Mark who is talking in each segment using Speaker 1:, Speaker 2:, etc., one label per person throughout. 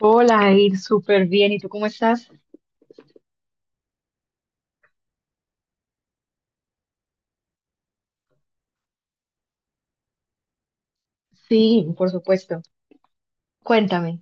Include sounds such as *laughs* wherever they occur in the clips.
Speaker 1: Hola, Jair, súper bien. ¿Y tú cómo estás? Sí, por supuesto. Cuéntame.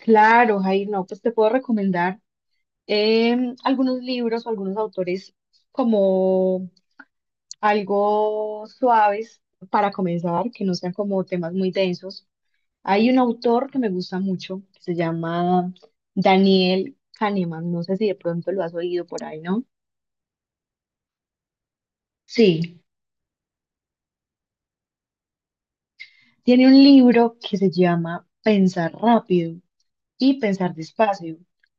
Speaker 1: Claro, Jair, no, pues te puedo recomendar algunos libros o algunos autores como algo suaves para comenzar, que no sean como temas muy densos. Hay un autor que me gusta mucho, que se llama Daniel Kahneman. No sé si de pronto lo has oído por ahí, ¿no? Sí, tiene un libro que se llama Pensar rápido y pensar despacio.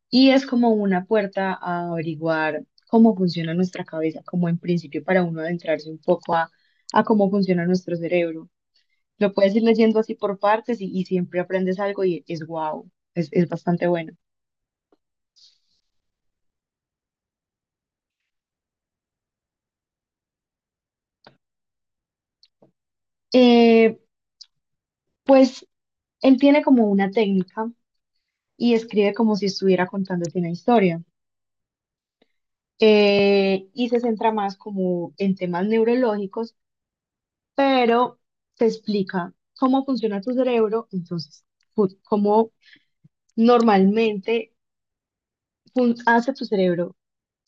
Speaker 1: Y es como una puerta a averiguar cómo funciona nuestra cabeza, como en principio para uno adentrarse un poco a cómo funciona nuestro cerebro. Lo puedes ir leyendo así por partes y siempre aprendes algo y es wow, es bastante bueno. Eh, pues él tiene como una técnica y escribe como si estuviera contándote una historia. Y se centra más como en temas neurológicos, pero te explica cómo funciona tu cerebro. Entonces, cómo normalmente hace tu cerebro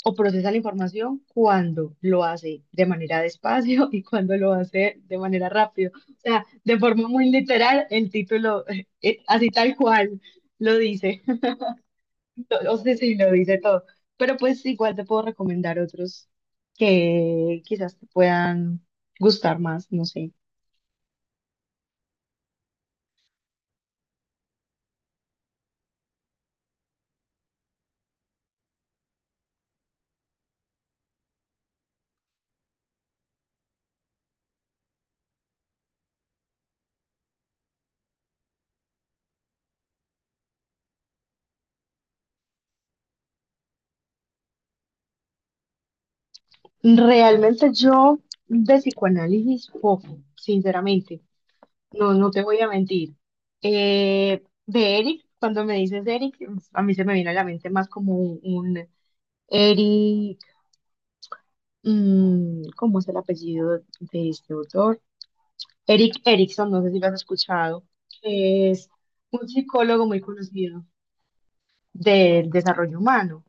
Speaker 1: o procesa la información cuando lo hace de manera despacio *laughs* y cuando lo hace de manera rápido. O sea, de forma muy literal, el título, *laughs* así tal cual, lo dice. *laughs* O sea, sí, lo dice todo. Pero pues igual te puedo recomendar otros que quizás te puedan gustar más, no sé. Realmente yo de psicoanálisis poco, sinceramente, no, no te voy a mentir. De Eric, cuando me dices Eric, a mí se me viene a la mente más como un Eric, mm, ¿cómo es el apellido de este autor? Eric Erickson, no sé si lo has escuchado, que es un psicólogo muy conocido del desarrollo humano.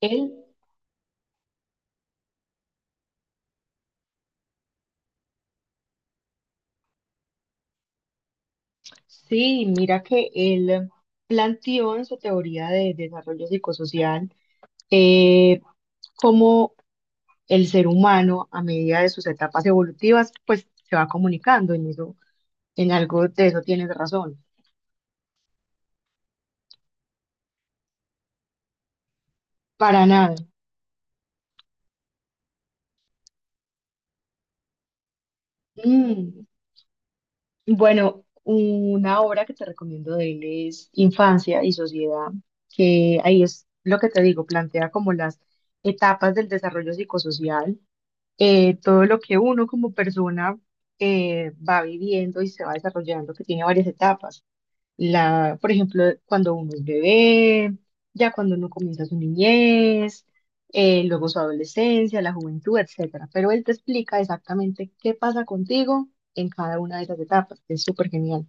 Speaker 1: Él, sí, mira que él planteó en su teoría de desarrollo psicosocial, eh, cómo el ser humano a medida de sus etapas evolutivas, pues se va comunicando en eso, en algo de eso tienes razón. Para nada. Mm, bueno, una obra que te recomiendo de él es Infancia y Sociedad, que ahí es lo que te digo, plantea como las etapas del desarrollo psicosocial, todo lo que uno como persona va viviendo y se va desarrollando, que tiene varias etapas. La, por ejemplo, cuando uno es bebé, ya cuando uno comienza su niñez, luego su adolescencia, la juventud, etcétera. Pero él te explica exactamente qué pasa contigo en cada una de esas etapas. Es súper genial.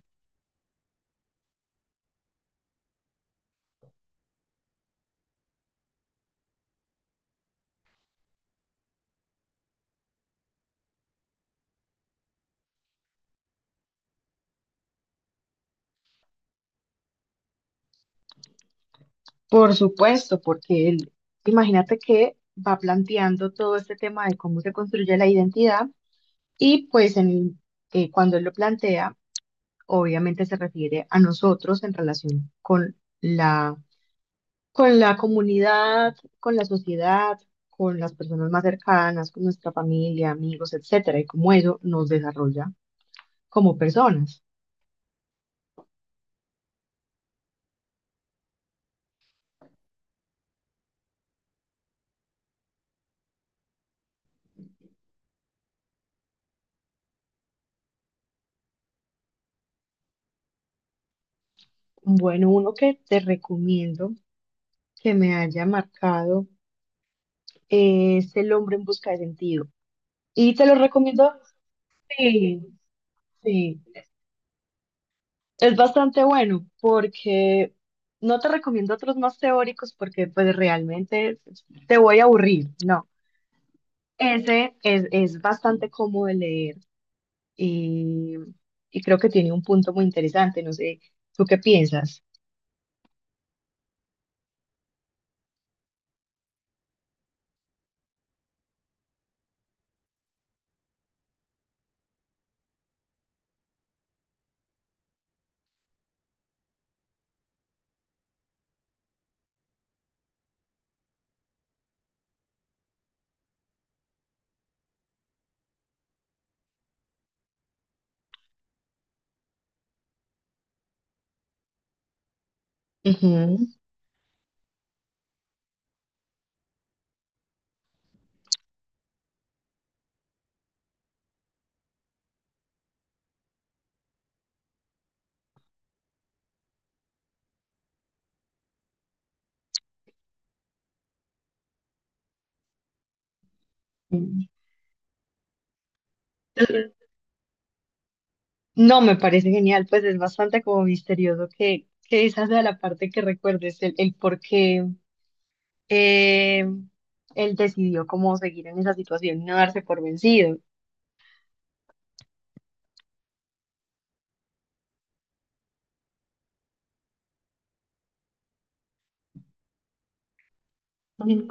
Speaker 1: Por supuesto, porque él, imagínate que va planteando todo este tema de cómo se construye la identidad y pues cuando él lo plantea, obviamente se refiere a nosotros en relación con la comunidad, con la sociedad, con las personas más cercanas, con nuestra familia, amigos, etcétera, y cómo eso nos desarrolla como personas. Bueno, uno que te recomiendo que me haya marcado es El hombre en busca de sentido. Y te lo recomiendo, sí, sí, es bastante bueno porque no te recomiendo otros más teóricos porque pues realmente te voy a aburrir, no. Es bastante cómodo de leer y, y creo que tiene un punto muy interesante. No sé, ¿tú qué piensas? Ujú. Mm. No, me parece genial, pues es bastante como misterioso que esa sea la parte que recuerdes, el por qué eh, él decidió cómo seguir en esa situación, no darse por vencido. Ujú,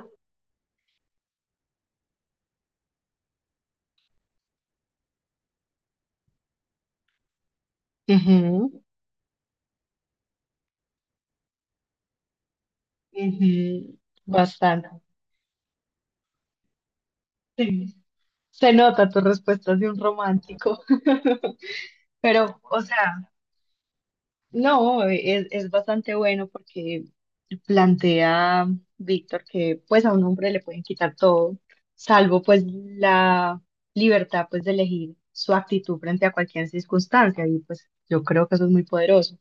Speaker 1: ujú, ujú, bastante. Sí. Se nota tu respuesta de un romántico, *laughs* pero, o sea... No, es bastante bueno porque plantea Víctor que pues a un hombre le pueden quitar todo, salvo pues la libertad pues de elegir su actitud frente a cualquier circunstancia y pues yo creo que eso es muy poderoso.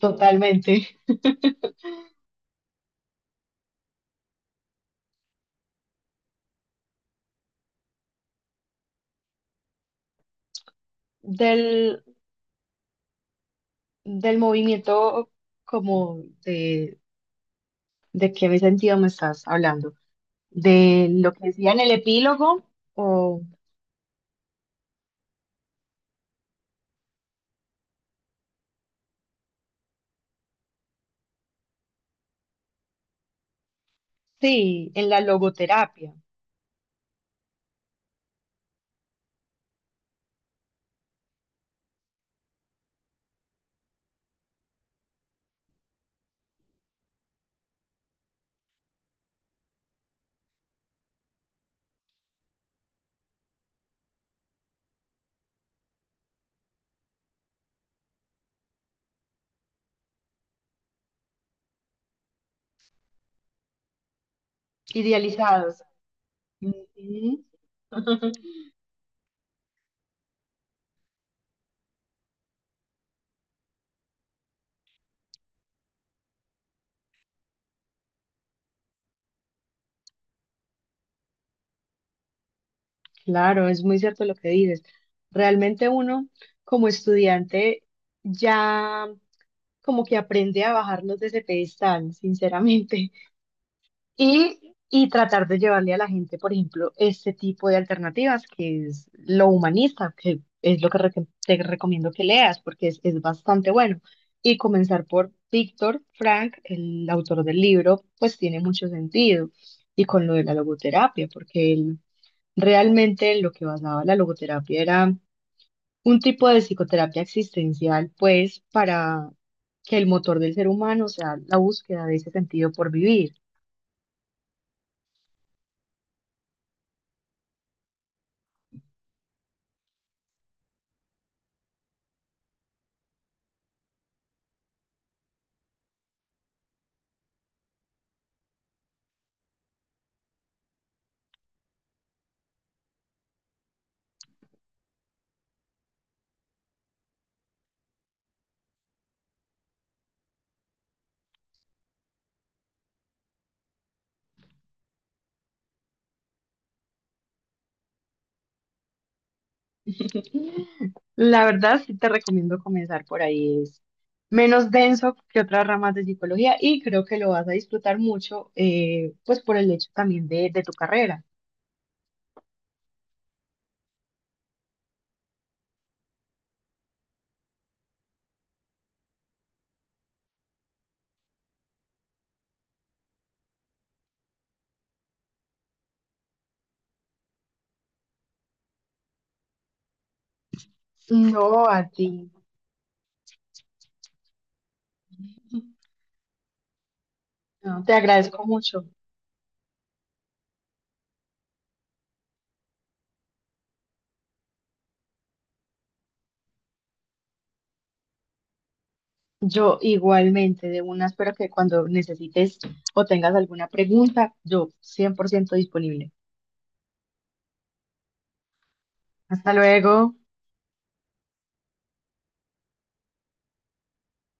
Speaker 1: Totalmente. *laughs* Del, Del movimiento como de qué sentido me estás hablando, de lo que decía en el epílogo o sí, en la logoterapia, idealizados. Ujú. *laughs* Claro, es muy cierto lo que dices. Realmente uno como estudiante ya como que aprende a bajarnos de ese pedestal, sinceramente, *laughs* y tratar de llevarle a la gente, por ejemplo, este tipo de alternativas, que es lo humanista, que es lo que te recomiendo que leas, porque es bastante bueno. Y comenzar por Víctor Frank, el autor del libro, pues tiene mucho sentido. Y con lo de la logoterapia, porque él realmente lo que basaba la logoterapia era un tipo de psicoterapia existencial, pues, para que el motor del ser humano sea la búsqueda de ese sentido por vivir. La verdad, sí te recomiendo comenzar por ahí. Es menos denso que otras ramas de psicología y creo que lo vas a disfrutar mucho, pues, por el hecho también de tu carrera. No, a ti. No, te agradezco mucho. Yo igualmente, de una, espero que cuando necesites o tengas alguna pregunta, yo 100% disponible. Hasta luego.